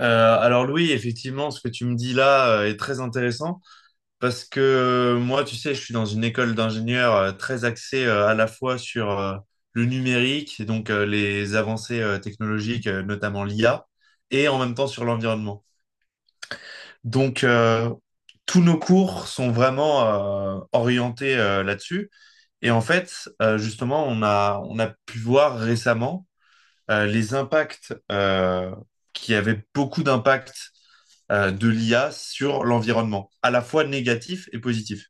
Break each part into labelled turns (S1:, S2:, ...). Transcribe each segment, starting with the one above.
S1: Alors Louis, effectivement, ce que tu me dis là est très intéressant parce que moi, tu sais, je suis dans une école d'ingénieurs très axée à la fois sur le numérique et donc les avancées technologiques, notamment l'IA, et en même temps sur l'environnement. Donc, tous nos cours sont vraiment orientés là-dessus. Et en fait, justement, on a pu voir récemment les impacts qui avaient beaucoup d'impacts de l'IA sur l'environnement, à la fois négatif et positif.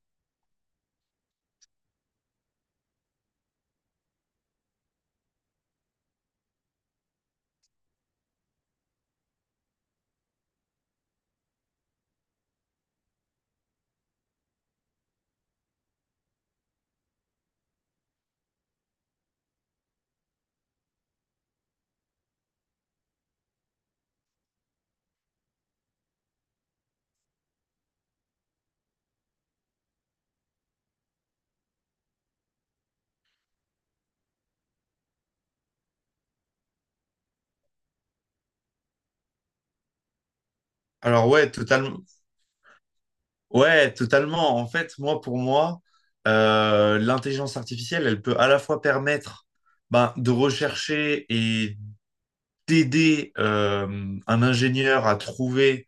S1: Alors ouais, totalement. Ouais, totalement. En fait, moi, pour moi, l'intelligence artificielle, elle peut à la fois permettre ben, de rechercher et d'aider un ingénieur à trouver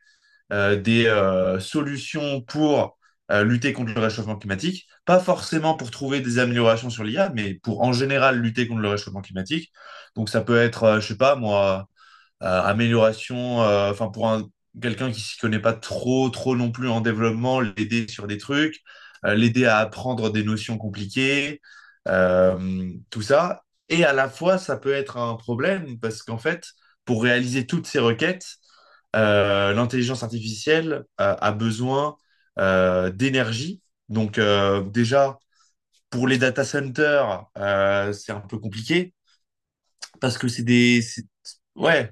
S1: des solutions pour lutter contre le réchauffement climatique, pas forcément pour trouver des améliorations sur l'IA, mais pour en général lutter contre le réchauffement climatique. Donc ça peut être, je sais pas moi, amélioration, enfin pour un quelqu'un qui s'y connaît pas trop non plus en développement, l'aider sur des trucs, l'aider à apprendre des notions compliquées, tout ça. Et à la fois, ça peut être un problème parce qu'en fait, pour réaliser toutes ces requêtes, l'intelligence artificielle a besoin d'énergie. Donc déjà, pour les data centers, c'est un peu compliqué parce que c'est des. Ouais.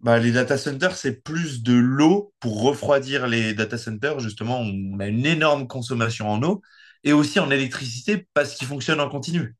S1: Bah, les data centers, c'est plus de l'eau pour refroidir les data centers. Justement, on a une énorme consommation en eau et aussi en électricité parce qu'ils fonctionnent en continu.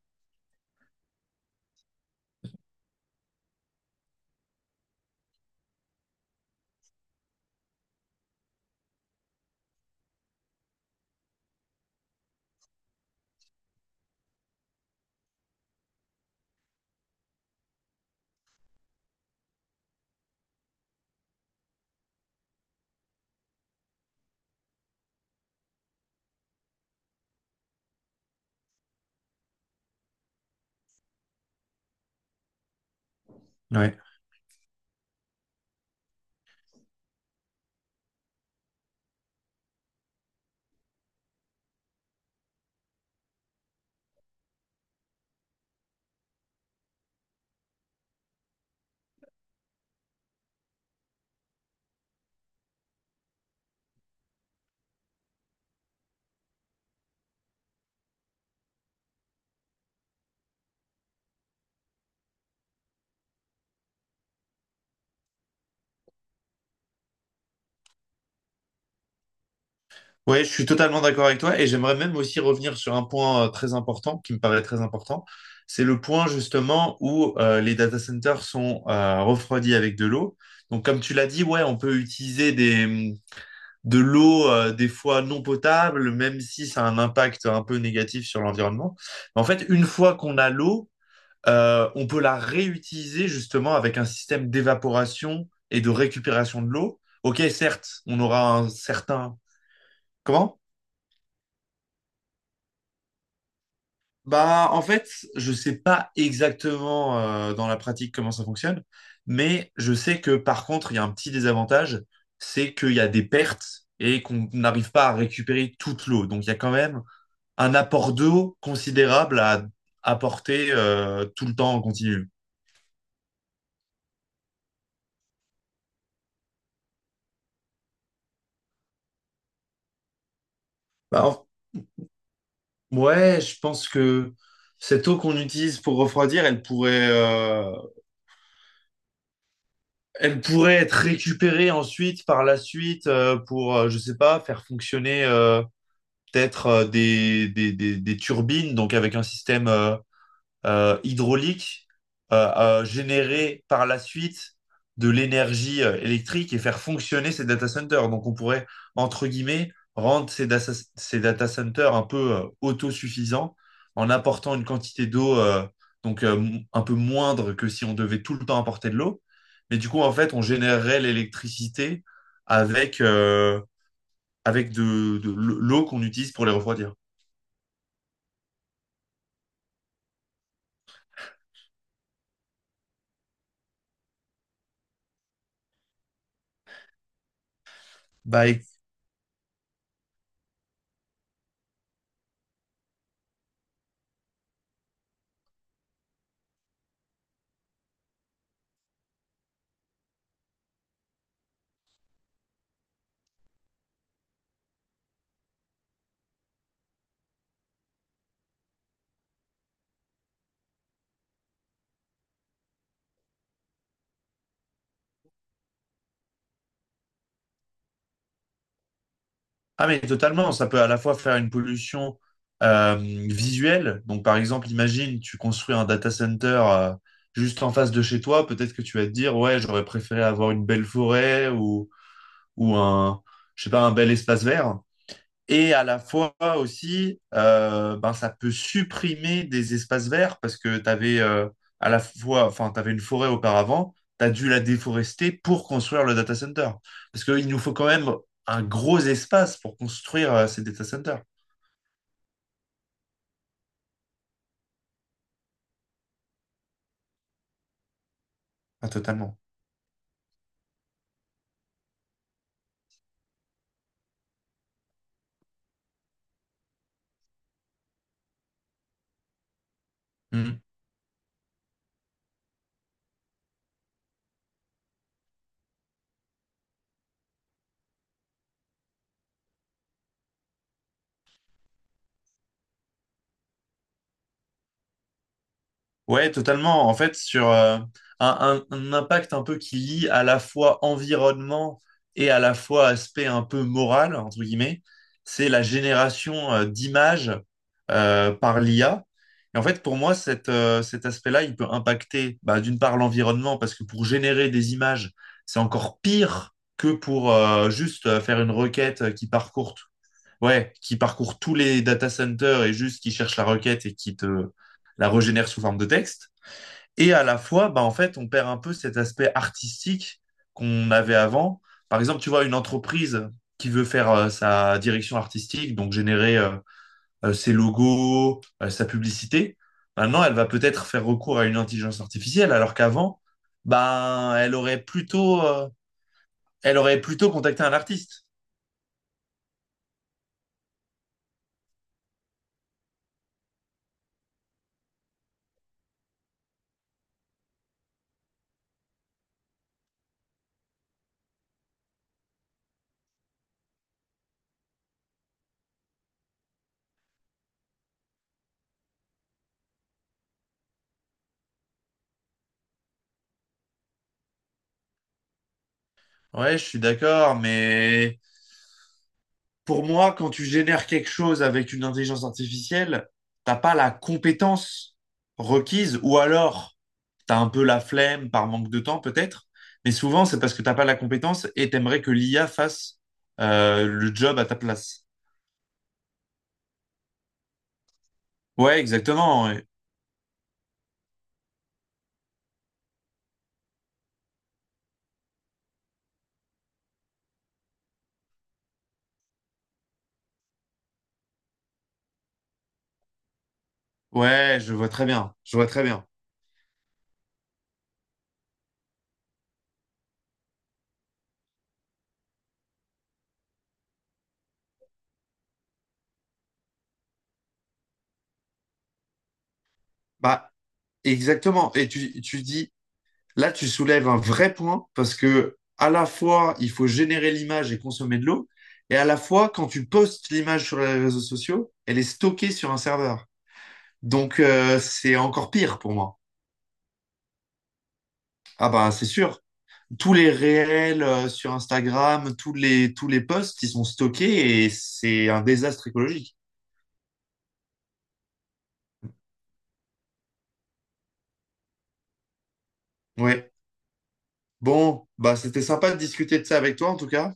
S1: Ouais. Ouais, je suis totalement d'accord avec toi et j'aimerais même aussi revenir sur un point très important qui me paraît très important. C'est le point justement où les data centers sont refroidis avec de l'eau. Donc, comme tu l'as dit, ouais, on peut utiliser de l'eau, des fois non potable, même si ça a un impact un peu négatif sur l'environnement. En fait, une fois qu'on a l'eau, on peut la réutiliser justement avec un système d'évaporation et de récupération de l'eau. Ok, certes, on aura un certain... Comment? Bah, en fait, je sais pas exactement dans la pratique comment ça fonctionne, mais je sais que par contre, il y a un petit désavantage, c'est qu'il y a des pertes et qu'on n'arrive pas à récupérer toute l'eau. Donc, il y a quand même un apport d'eau considérable à apporter tout le temps en continu. Bah. Ouais, je pense que cette eau qu'on utilise pour refroidir, elle pourrait être récupérée ensuite par la suite pour, je sais pas, faire fonctionner peut-être des turbines, donc avec un système hydraulique générer par la suite de l'énergie électrique et faire fonctionner ces data centers. Donc on pourrait, entre guillemets, rendre ces data centers un peu autosuffisants en apportant une quantité d'eau donc un peu moindre que si on devait tout le temps apporter de l'eau. Mais du coup, en fait, on générerait l'électricité avec, avec de l'eau qu'on utilise pour les refroidir. Bah. Ah mais totalement, ça peut à la fois faire une pollution visuelle. Donc par exemple, imagine, tu construis un data center juste en face de chez toi, peut-être que tu vas te dire, ouais, j'aurais préféré avoir une belle forêt ou un, je sais pas, un bel espace vert. Et à la fois aussi, ben, ça peut supprimer des espaces verts parce que tu avais à la fois, enfin, tu une forêt auparavant, tu as dû la déforester pour construire le data center. Parce qu'il nous faut quand même un gros espace pour construire ces data centers. Ah, totalement. Mm. Ouais, totalement. En fait, sur un impact un peu qui lie à la fois environnement et à la fois aspect un peu moral, entre guillemets, c'est la génération d'images par l'IA. Et en fait, pour moi, cet aspect-là, il peut impacter bah, d'une part l'environnement, parce que pour générer des images, c'est encore pire que pour juste faire une requête qui parcourt ouais, qui parcourt tous les data centers et juste qui cherche la requête et qui te la régénère sous forme de texte. Et à la fois, bah, en fait, on perd un peu cet aspect artistique qu'on avait avant. Par exemple, tu vois, une entreprise qui veut faire sa direction artistique, donc générer ses logos, sa publicité, maintenant, elle va peut-être faire recours à une intelligence artificielle, alors qu'avant, ben, elle aurait plutôt contacté un artiste. Ouais, je suis d'accord, mais pour moi, quand tu génères quelque chose avec une intelligence artificielle, t'as pas la compétence requise, ou alors t'as un peu la flemme par manque de temps peut-être, mais souvent c'est parce que t'as pas la compétence et t'aimerais que l'IA fasse le job à ta place. Ouais, exactement. Ouais. Ouais, je vois très bien. Je vois très bien. Bah, exactement. Et tu dis Là, tu soulèves un vrai point parce que à la fois, il faut générer l'image et consommer de l'eau, et à la fois, quand tu postes l'image sur les réseaux sociaux, elle est stockée sur un serveur. Donc, c'est encore pire pour moi. Ah bah, c'est sûr. Tous les réels sur Instagram, tous les posts, ils sont stockés et c'est un désastre écologique. Ouais. Bon, bah, c'était sympa de discuter de ça avec toi, en tout cas.